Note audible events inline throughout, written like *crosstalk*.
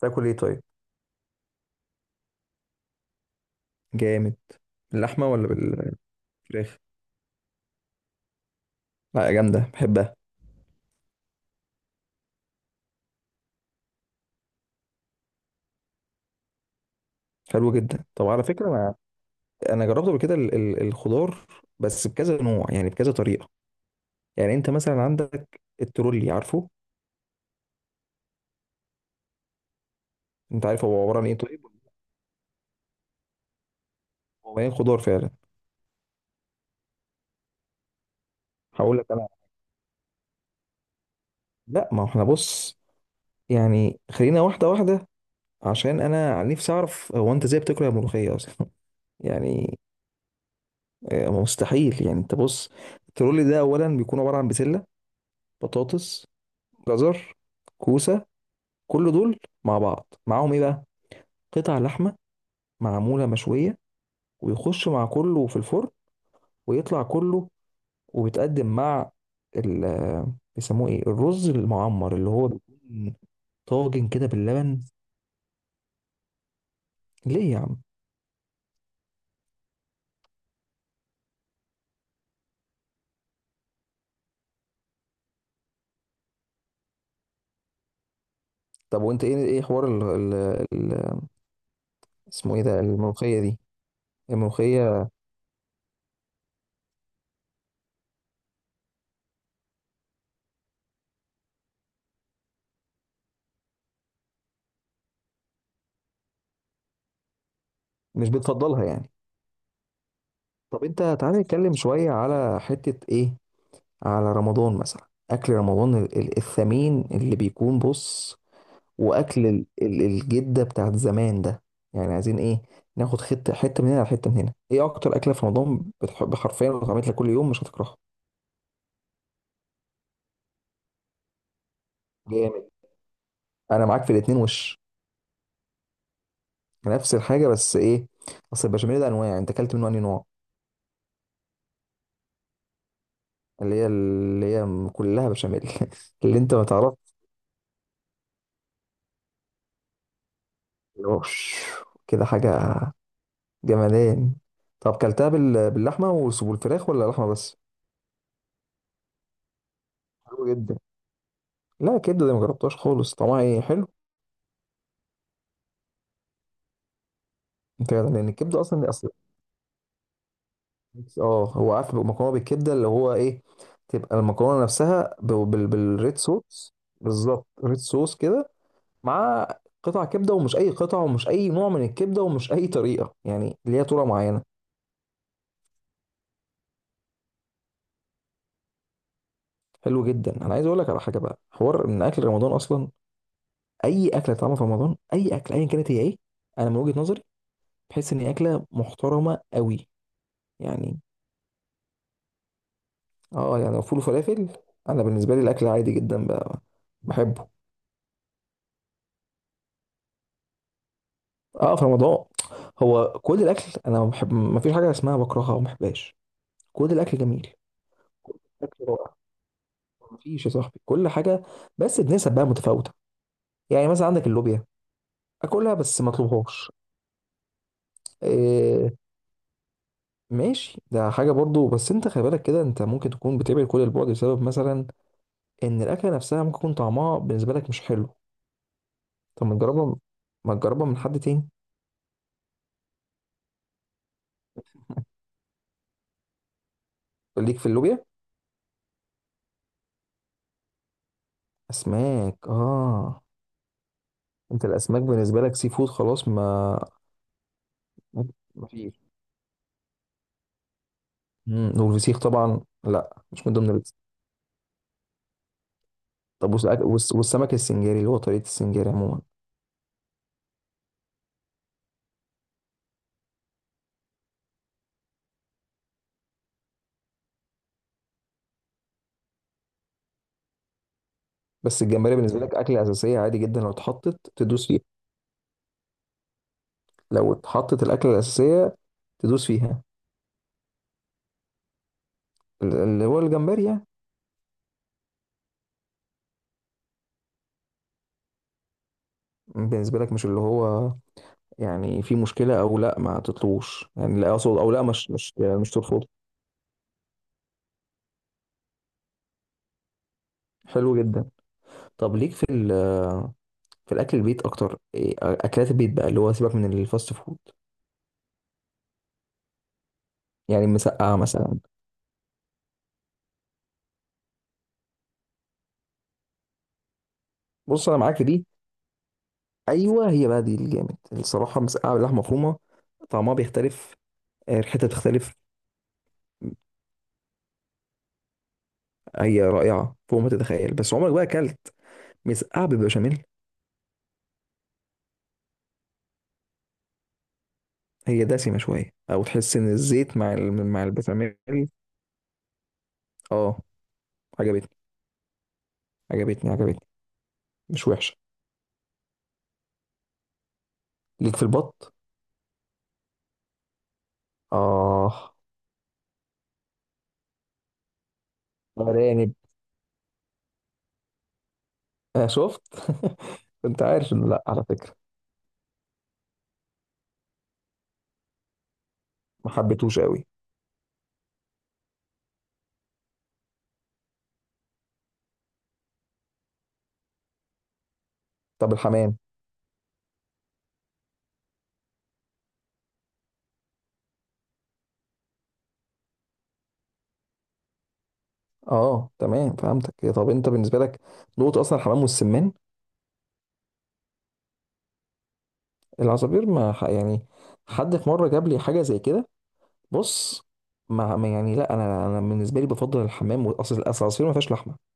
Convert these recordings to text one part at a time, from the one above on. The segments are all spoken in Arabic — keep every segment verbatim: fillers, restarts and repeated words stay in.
تاكل ايه طيب؟ جامد. اللحمه ولا بالفراخ؟ لا جامده، بحبها. حلو جدا. طب على فكره، انا انا جربت قبل كده ال- ال- الخضار، بس بكذا نوع، يعني بكذا طريقه. يعني انت مثلا عندك الترولي، عارفه؟ انت عارف هو عباره عن ايه طيب؟ هو يعني خضار فعلا. هقول لك انا. لا، ما هو احنا بص، يعني خلينا واحده واحده، عشان انا عن نفسي اعرف. هو انت ازاي بتاكل الملوخيه اصلا؟ *laughs* يعني، آه، مستحيل. يعني انت بص، الترولي ده اولا بيكون عباره عن بسله، بطاطس، جزر، كوسه، كل دول مع بعض، معاهم ايه بقى؟ قطع لحمه، معموله مشويه، ويخش مع كله في الفرن، ويطلع كله، وبيتقدم مع ال بيسموه ايه، الرز المعمر، اللي هو بيكون طاجن كده باللبن. ليه يا عم؟ طب وانت ايه ايه حوار ال ال ال اسمه ايه ده، الملوخيه دي، الملوخيه؟ مش بتفضلها يعني؟ طب انت تعالى نتكلم شويه على حته ايه، على رمضان مثلا، اكل رمضان ال- ال- الثمين اللي بيكون بص، واكل ال- ال- الجده بتاعت زمان ده، يعني عايزين ايه؟ ناخد حته حته من هنا على حته من هنا. ايه اكتر اكله في رمضان بتحب حرفيا لو اتعملت لك كل يوم مش هتكرهها؟ جامد. انا معاك في الاتنين وش. نفس الحاجه، بس ايه، اصل البشاميل ده انواع، انت اكلت منه انهي نوع؟ اللي هي اللي هي كلها بشاميل *laughs* اللي انت ما تعرفش. اللي هو ش- كده حاجه. جمدان. طب كلتها بال- باللحمه والفراخ ولا لحمه بس؟ حلو جدا. لا الكبده دي ما جربتهاش خالص، طعمها ايه، حلو؟ فعلا لان الكبده اصلا اصل ميكس. اه، هو عارف مكرونه بالكبده اللي هو ايه، تبقى المكرونه نفسها ب- بال... بالريد صوص. بالظبط، ريد صوص كده، مع قطع كبده، ومش اي قطع، ومش اي نوع من الكبده، ومش اي طريقه، يعني ليها طريقه معينه. حلو جدا. انا عايز اقول لك على حاجه بقى، حوار ان اكل رمضان اصلا، اي اكله طعمها في رمضان، اي اكل ايا كانت، هي ايه؟ انا من وجهه نظري بحس ان هي اكله محترمه قوي، يعني. اه يعني لو فول وفلافل. انا بالنسبه لي الاكل عادي جدا بقى، بحبه. اه، في رمضان. هو كل الاكل انا ما بحب، ما فيش حاجه اسمها بكرهها او ما بحبهاش، كل الاكل جميل، اكل رائع. ما فيش يا صاحبي، كل حاجه، بس بنسب بقى متفاوته. يعني مثلا عندك اللوبيا، اكلها بس ما اطلبهاش. إيه. ماشي، ده حاجه برضو. بس انت خلي بالك كده، انت ممكن تكون بتبعد كل البعد بسبب مثلا ان الاكله نفسها ممكن يكون طعمها بالنسبه لك مش حلو. طب ما تجربها، ما تجربها من حد تاني. *laughs* ليك في اللوبيا. اسماك، اه. انت الاسماك بالنسبه لك سي فود خلاص، ما مفيش. مم. والفسيخ طبعا لا، مش من ضمن الرز. طب والسمك والس- والسمك السنجاري، اللي هو طريقه السنجاري عموما. بس الجمبري بالنسبه لك اكله اساسيه عادي جدا، لو اتحطت تدوس فيها، لو اتحطت الاكله الاساسيه تدوس فيها، ال- اللي هو الجمبري يعني، بالنسبه لك، مش اللي هو يعني في مشكله او لا، ما تطلوش، يعني لا اقصد، او لا مش مش مش ترفض حلو جدا. طب ليك في ال في الاكل البيت اكتر، إيه، اكلات البيت بقى اللي هو سيبك من الفاست فود. يعني مسقعه مثلا. بص انا معاك في دي. ايوه، هي بقى دي الجامد، الصراحه مسقعه باللحمه مفرومه، طعمها بيختلف، آه، ريحتها بتختلف. هي رائعه فوق ما تتخيل. بس عمرك بقى اكلت مسقعه بالبشاميل؟ هي دسمه شويه، او تحس ان الزيت مع ال- مع البشاميل. اه عجبتني عجبتني عجبتني. مش وحشه. ليك في البط؟ اه. ارانب؟ آه شفت *laughs* كنت عارف انه لا، على فكره. ما حبيتهوش قوي. طب الحمام؟ اه تمام، فهمتك. طب انت بالنسبه لك نقطه اصلا الحمام والسمان، العصافير ما ح- يعني، حد في مره جاب لي حاجه زي كده، بص، ما ما يعني لا، انا انا بالنسبه لي بفضل الحمام، واصل اصل العصافير ما فيهاش لحمه.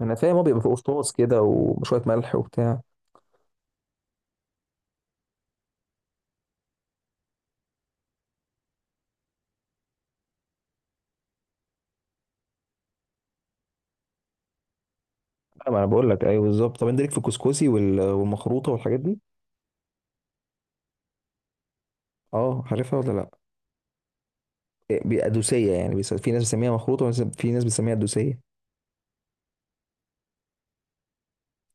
انا فاهم، هو بيبقى فيه قشطاص كده وشويه ملح وبتاع. لا، ما انا بقول لك، ايوه بالظبط. طب انت ليك في الكسكسي وال- والمخروطه والحاجات دي؟ اه عارفها ولا لا؟ إيه، بي- ادوسيه يعني، بيس- في ناس بتسميها مخروطه، وناس- في ناس بتسميها ادوسيه.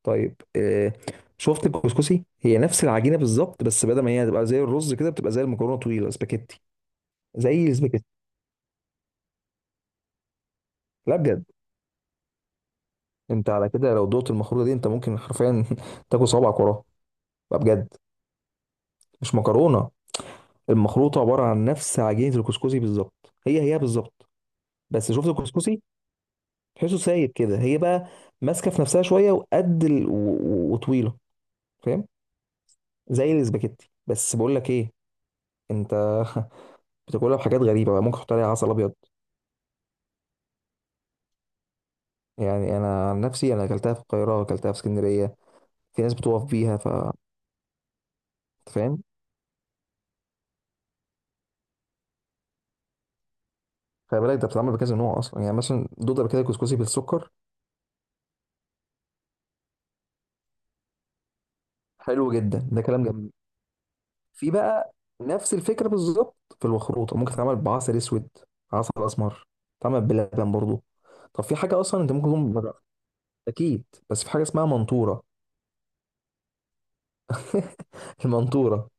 طيب إيه، شفت الكسكسي، هي نفس العجينه بالظبط، بس بدل ما هي تبقى زي الرز كده، بتبقى زي المكرونه طويله، سباكيتي. زي السباكيتي. لا بجد، انت على كده لو دوت المخروطه دي، انت ممكن حرفيا *laughs* تاكل صوابعك وراها. بقى بجد، مش مكرونه. المخروطه عباره عن نفس عجينه الكسكسي بالظبط، هي هي بالظبط. بس شفت الكسكسي، تحسه سايب كده، هي بقى ماسكه في نفسها شويه، وقد ال... و... و- وطويله، فاهم، زي الاسباجيتي. بس بقول لك ايه، انت *laughs* بتاكلها بحاجات غريبه بقى، ممكن تحط عليها عسل ابيض. يعني انا عن نفسي، انا اكلتها في القاهره، اكلتها في اسكندريه، في ناس بتقف بيها، ف أنت فاهم. خلي بالك ده بتتعمل بكذا نوع اصلا، يعني مثلا دوده بكده كسكسي بالسكر. حلو جدا، ده كلام جميل. مم. في بقى نفس الفكره بالظبط في الخروطه، ممكن تتعمل بعسل اسود، عسل اسمر، تتعمل بلبن برضو. طب في حاجه اصلا انت ممكن تكون ما تعرف-. اكيد. بس في حاجه اسمها منطوره. *laughs* المنطوره.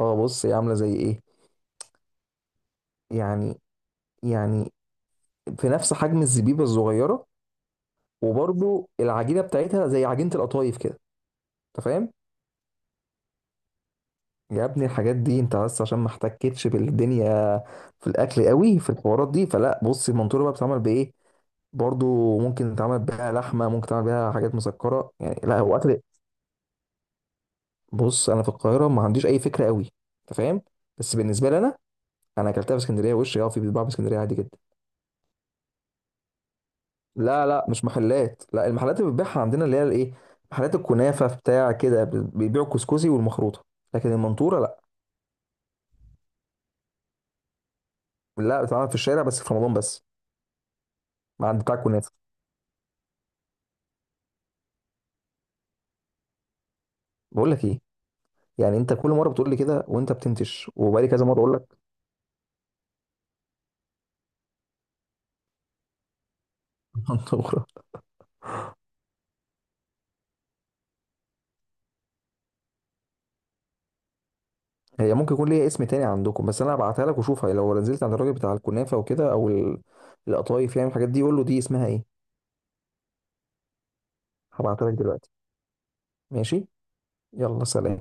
اه بص هي عامله زي ايه، يعني، يعني في نفس حجم الزبيبه الصغيره، وبرضو العجينه بتاعتها زي عجينه القطايف كده، انت فاهم. يا ابني الحاجات دي انت بس عشان ما احتكتش بالدنيا في الاكل قوي، في الحوارات دي، فلا بص، المنطوره بقى بتتعمل بايه؟ برضو ممكن تعمل بيها لحمه، ممكن تعمل بيها حاجات مسكره، يعني لا هو اكل. بص انا في القاهره ما عنديش اي فكره قوي، انت فاهم؟ بس بالنسبه لي انا، انا اكلتها في اسكندريه وش، اه في، بيتباع في اسكندريه عادي جدا. لا لا مش محلات، لا، المحلات اللي بتبيعها عندنا اللي هي الايه، محلات الكنافه بتاع كده بيبيعوا الكسكسي والمخروطه، لكن المنطوره لا. لا، بتتعمل في الشارع بس في رمضان بس، مع عند بتاع الكنافه. بقول لك ايه، يعني انت كل مره بتقول لي كده وانت بتنتش، وبقالي كذا مره اقول لك. *laughs* منطوره. هي ممكن يكون ليها اسم تاني عندكم، بس انا هبعتها لك وشوفها، لو نزلت عند الراجل بتاع الكنافه وكده، او ال- القطايف، يعني الحاجات دي، قول له دي اسمها ايه. هبعتها لك دلوقتي. ماشي. يلا سلام.